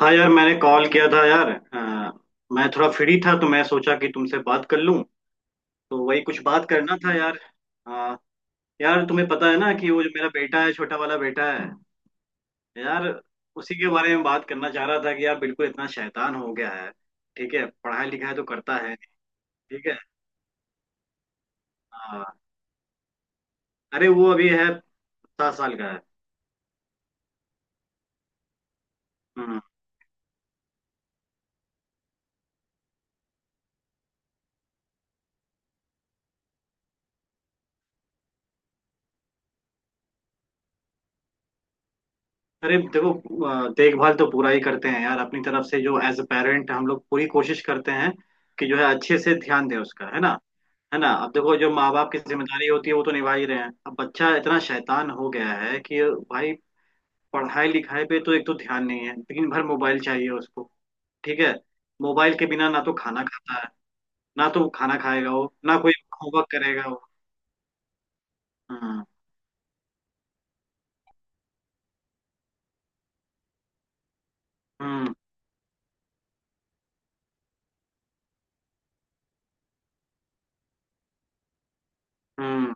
हाँ यार, मैंने कॉल किया था यार। मैं थोड़ा फ्री था, तो मैं सोचा कि तुमसे बात कर लूं। तो वही कुछ बात करना था यार। अ, यार तुम्हें पता है ना कि वो जो मेरा बेटा है, छोटा वाला बेटा है। यार उसी के बारे में बात करना चाह रहा था कि यार बिल्कुल इतना शैतान हो गया है। ठीक है, पढ़ाई लिखाई तो करता है। ठीक है। हाँ। अरे वो अभी है, 7 साल का है। हम्म। अरे देखो, देखभाल तो पूरा ही करते हैं यार, अपनी तरफ से जो एज अ पेरेंट हम लोग पूरी कोशिश करते हैं कि जो है अच्छे से ध्यान दें उसका, है ना। है ना, अब देखो जो माँ बाप की जिम्मेदारी होती है वो तो निभा ही रहे हैं, अब बच्चा इतना शैतान हो गया है कि भाई पढ़ाई लिखाई पे तो एक तो ध्यान नहीं है, दिन भर मोबाइल चाहिए उसको। ठीक है। मोबाइल के बिना ना तो खाना खाता है, ना तो खाना खाएगा वो, ना कोई होमवर्क करेगा वो। हम्म। हम्म। हम्म।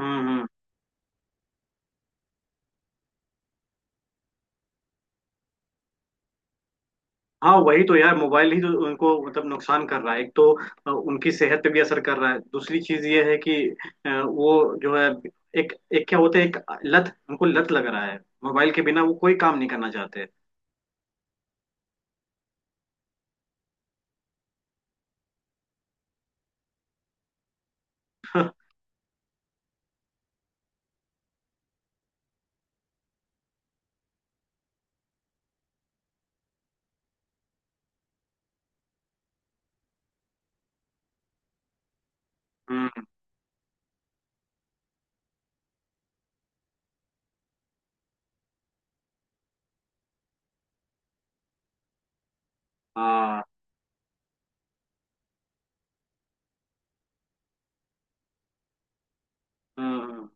हम्म। हम्म। हाँ, वही तो यार, मोबाइल ही तो उनको मतलब नुकसान कर रहा है एक तो। उनकी सेहत पे भी असर कर रहा है। दूसरी चीज ये है कि वो जो है, एक एक क्या होता है, एक लत, उनको लत लग रहा है। मोबाइल के बिना वो कोई काम नहीं करना चाहते। हम्म। हाँ। हम्म। हम्म।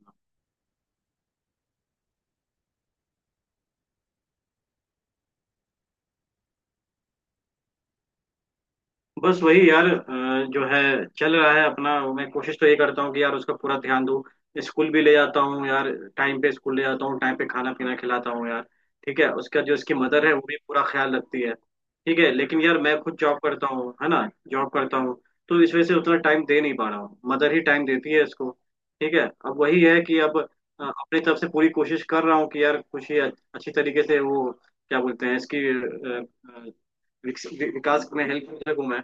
बस वही यार, जो है चल रहा है अपना। मैं कोशिश तो ये करता हूँ कि यार उसका पूरा ध्यान दूँ। स्कूल भी ले जाता हूँ यार, टाइम पे स्कूल ले जाता हूँ, टाइम पे खाना पीना खिलाता हूँ यार। ठीक है, उसका जो इसकी मदर है वो भी पूरा ख्याल रखती है। ठीक है, लेकिन यार मैं खुद जॉब करता हूँ, है ना, जॉब करता हूँ। तो इस वजह से उतना टाइम दे नहीं पा रहा हूँ, मदर ही टाइम देती है इसको। ठीक है। अब वही है कि अब अपनी तरफ से पूरी कोशिश कर रहा हूँ कि यार कुछ ही अच्छी तरीके से वो क्या बोलते हैं इसकी अ, विकास में हेल्प कर सकूँ मैं।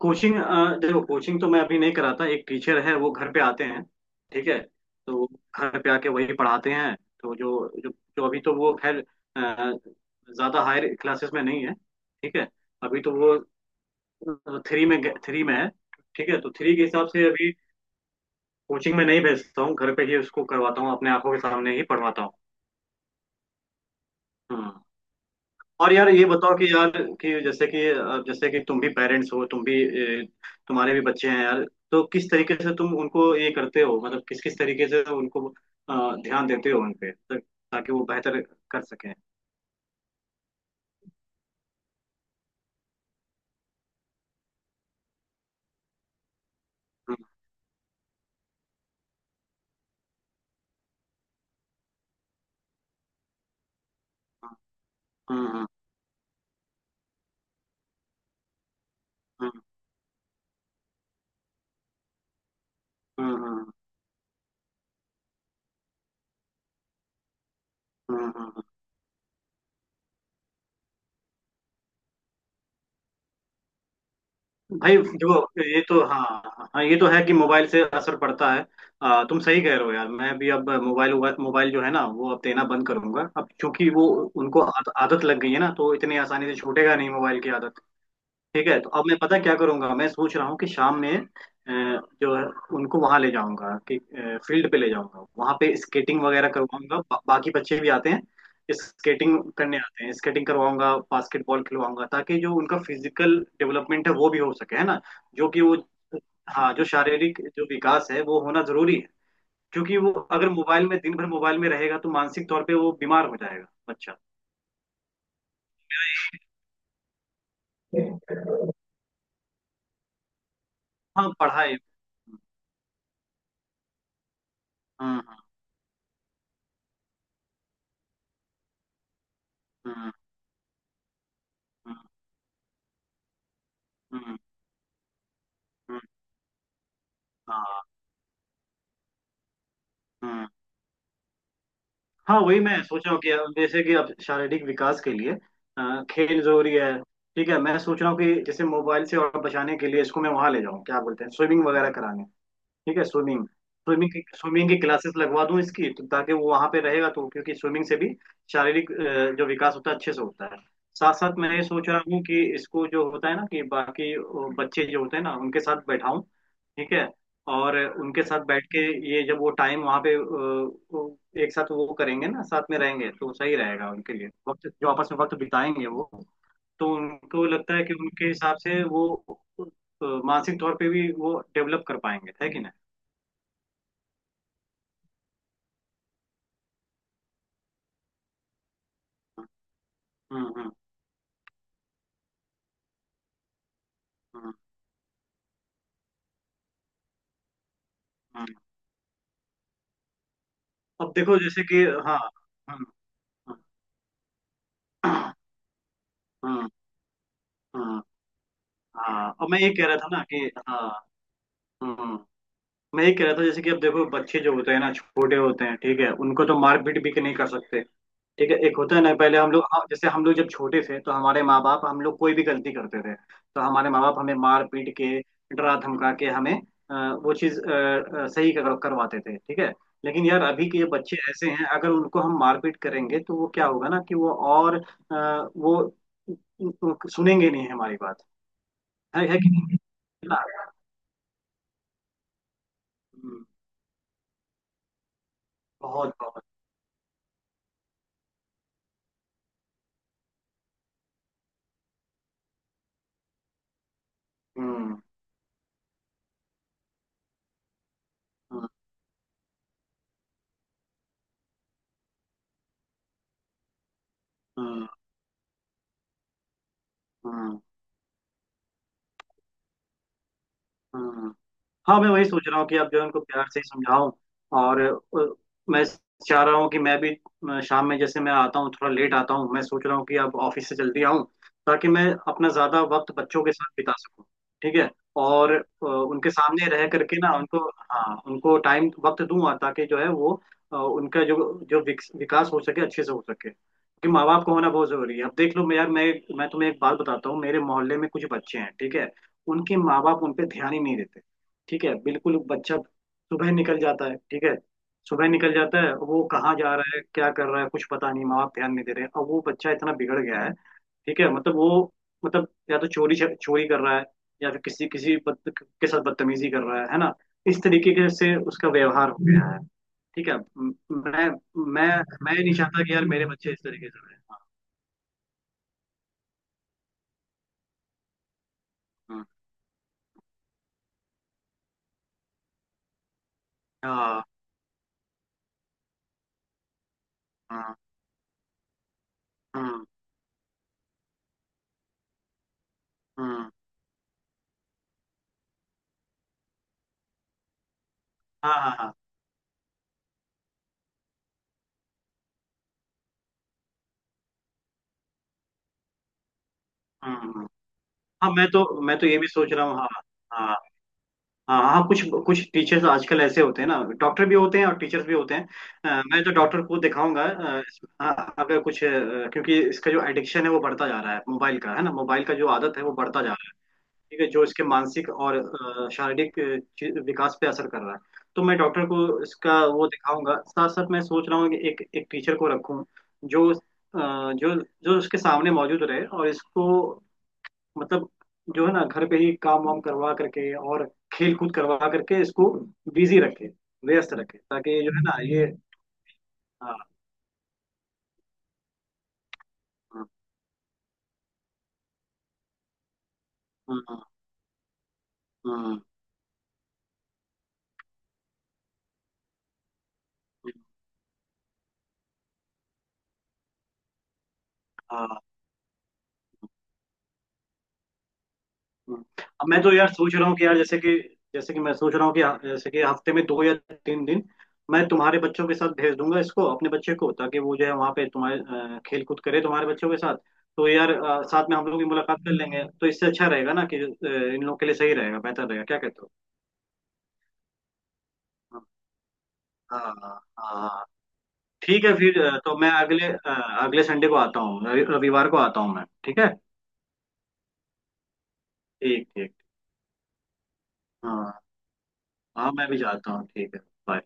कोचिंग, देखो, कोचिंग तो मैं अभी नहीं कराता, एक टीचर है वो घर पे आते हैं। ठीक है। तो वो घर पे आके वही पढ़ाते हैं। तो जो जो, जो अभी तो वो खैर अ, ज्यादा हायर क्लासेस में नहीं है। ठीक है, अभी तो वो थ्री में है। ठीक है, तो थ्री के हिसाब से अभी कोचिंग में नहीं भेजता हूँ, घर पे ही उसको करवाता हूँ, अपने आंखों के सामने ही पढ़वाता हूँ। हम्म। और यार ये बताओ कि यार कि जैसे कि तुम भी पेरेंट्स हो, तुम भी ए, तुम्हारे भी बच्चे हैं यार। तो किस तरीके से तुम उनको ये करते हो, मतलब किस किस तरीके से उनको ध्यान देते हो उन पे, ताकि वो बेहतर कर सकें। हम्म। हम्म। हम्म। हम्म। हम्म। हम्म। हम्म। हम्म। भाई देखो, ये तो हाँ, हाँ ये तो है कि मोबाइल से असर पड़ता है। तुम सही कह रहे हो यार। मैं भी अब मोबाइल जो है ना वो अब देना बंद करूंगा अब, क्योंकि वो उनको आदत लग गई है ना, तो इतनी आसानी से छूटेगा नहीं मोबाइल की आदत। ठीक है। तो अब मैं पता क्या करूंगा, मैं सोच रहा हूँ कि शाम में जो है, उनको वहां ले जाऊंगा कि फील्ड पे ले जाऊंगा, वहां पे स्केटिंग वगैरह करवाऊंगा। बाकी बच्चे भी आते हैं, स्केटिंग करने आते हैं, स्केटिंग करवाऊंगा, बास्केटबॉल खिलवाऊंगा, ताकि जो उनका फिजिकल डेवलपमेंट है वो भी हो सके, है ना। जो कि वो हाँ, जो शारीरिक जो विकास है वो होना जरूरी है। क्योंकि वो अगर मोबाइल में दिन भर मोबाइल में रहेगा तो मानसिक तौर पे वो बीमार हो जाएगा बच्चा। हाँ। पढ़ाई। हम्म। हम्म। हम्म। हम्म। हम्म। हम्म। हाँ। हम्म। हाँ, वही मैं सोच रहा हूँ कि अब जैसे कि अब शारीरिक विकास के लिए खेल जरूरी है। ठीक है, मैं सोच रहा हूँ कि जैसे मोबाइल से और बचाने के लिए इसको मैं वहां ले जाऊँ, क्या बोलते हैं, स्विमिंग वगैरह कराने। ठीक है, स्विमिंग, स्विमिंग की क्लासेस लगवा दूं इसकी, तो ताकि वो वहां पे रहेगा, तो क्योंकि स्विमिंग से भी शारीरिक जो विकास होता है अच्छे से होता है। साथ साथ मैं ये सोच रहा हूँ कि इसको जो होता है ना कि बाकी बच्चे जो होते हैं ना उनके साथ बैठाऊं, ठीक है, और उनके साथ बैठ के ये जब वो टाइम वहां पे वो एक साथ वो करेंगे ना, साथ में रहेंगे तो सही रहेगा उनके लिए, वक्त जो आपस में वक्त बिताएंगे वो। तो उनको लगता है कि उनके हिसाब से वो अ, मानसिक तौर पे भी वो डेवलप कर पाएंगे, है कि ना। हाँ। हाँ। हाँ। हाँ। अब देखो जैसे कि हाँ। हाँ। हाँ। हाँ। हाँ। हाँ। अब मैं ये कह रहा था ना कि हाँ, हाँ, मैं ये कह रहा था, जैसे कि अब देखो, बच्चे जो होते हैं ना छोटे होते हैं, ठीक है, उनको तो मारपीट भी नहीं कर सकते। ठीक है। एक होता है ना, पहले हम लोग, हाँ, जैसे हम लोग जब छोटे थे तो हमारे माँ बाप, हम लोग कोई भी गलती करते थे तो हमारे माँ बाप हमें मार पीट के, डरा धमका के हमें अ, वो चीज़ सही करवाते थे, ठीक है। लेकिन यार अभी के ये बच्चे ऐसे हैं, अगर उनको हम मारपीट करेंगे तो वो क्या होगा ना कि वो और वो सुनेंगे नहीं हमारी बात। है कि नहीं है ना? हम्म, बहुत बहुत। हम्म। हम्म। हम्म। हम्म। हम्म। हाँ, मैं वही सोच रहा हूँ कि अब जो है उनको प्यार से ही समझाऊं, और मैं चाह रहा हूँ कि मैं भी शाम में जैसे मैं आता हूँ थोड़ा लेट आता हूँ, मैं सोच रहा हूँ कि अब ऑफिस से जल्दी आऊँ, ताकि मैं अपना ज्यादा वक्त बच्चों के साथ बिता सकूँ। ठीक है। और उनके सामने रह करके ना उनको, हाँ, उनको टाइम वक्त दूँ, ताकि जो है वो उनका जो जो विकास हो सके, अच्छे से हो सके, क्योंकि माँ बाप का होना बहुत जरूरी है। अब देख लो, मैं यार, मैं तुम्हें एक बात बताता हूँ। मेरे मोहल्ले में कुछ बच्चे हैं, ठीक है, उनके माँ बाप उन पे ध्यान ही नहीं देते। ठीक है, बिल्कुल बच्चा सुबह निकल जाता है। ठीक है, सुबह निकल जाता है, वो कहाँ जा रहा है क्या कर रहा है कुछ पता नहीं, माँ बाप ध्यान नहीं दे रहे। अब वो बच्चा इतना बिगड़ गया है। ठीक है, मतलब वो, मतलब या तो चोरी चोरी कर रहा है, या फिर किसी किसी के साथ बदतमीजी कर रहा है ना, इस तरीके के से उसका व्यवहार हो गया है। ठीक है। मैं मैं मैं नहीं चाहता कि यार मेरे बच्चे इस तरीके से रहे। हाँ। हम्म, हाँ। हाँ। हम्म। हम्म। हाँ। हाँ। हाँ। हम्म। हम्म। हाँ, मैं तो, ये भी सोच रहा हूँ। हाँ। हाँ। हाँ। हाँ, कुछ कुछ टीचर्स आजकल ऐसे होते हैं ना, डॉक्टर भी होते हैं और टीचर्स भी होते हैं। मैं तो डॉक्टर को दिखाऊंगा। हाँ, अगर कुछ क्योंकि इसका जो एडिक्शन है वो बढ़ता जा रहा है, मोबाइल का, है ना, मोबाइल का जो आदत है वो बढ़ता जा रहा है। ठीक है, जो इसके मानसिक और शारीरिक विकास पे असर कर रहा है। तो मैं डॉक्टर को इसका वो दिखाऊंगा, साथ साथ मैं सोच रहा हूँ कि एक एक टीचर को रखूँ, जो जो जो उसके सामने मौजूद रहे और इसको मतलब जो है ना घर पे ही काम वाम करवा करके, और खेल कूद करवा करके इसको बिजी रखे, व्यस्त रखे, ताकि जो है ना ये। हाँ। हाँ। हाँ। हाँ। हाँ। हाँ। अब मैं तो यार सोच रहा हूँ कि यार जैसे कि, मैं सोच रहा हूँ कि, हाँ, जैसे कि हफ्ते में 2 या 3 दिन मैं तुम्हारे बच्चों के साथ भेज दूंगा इसको, अपने बच्चे को, ताकि वो जो है वहाँ पे तुम्हारे खेल कूद करे, तुम्हारे बच्चों के साथ। तो यार, साथ में हम लोग भी मुलाकात कर लेंगे, तो इससे अच्छा रहेगा ना कि इन लोग के लिए सही रहेगा, बेहतर रहेगा, क्या कहते हो। हाँ। हाँ। हाँ। ठीक है, फिर तो मैं अगले संडे को आता हूँ, रविवार को आता हूँ मैं, ठीक है। ठीक, ठीक। हाँ, हाँ, मैं भी जाता हूँ, ठीक है। Bye।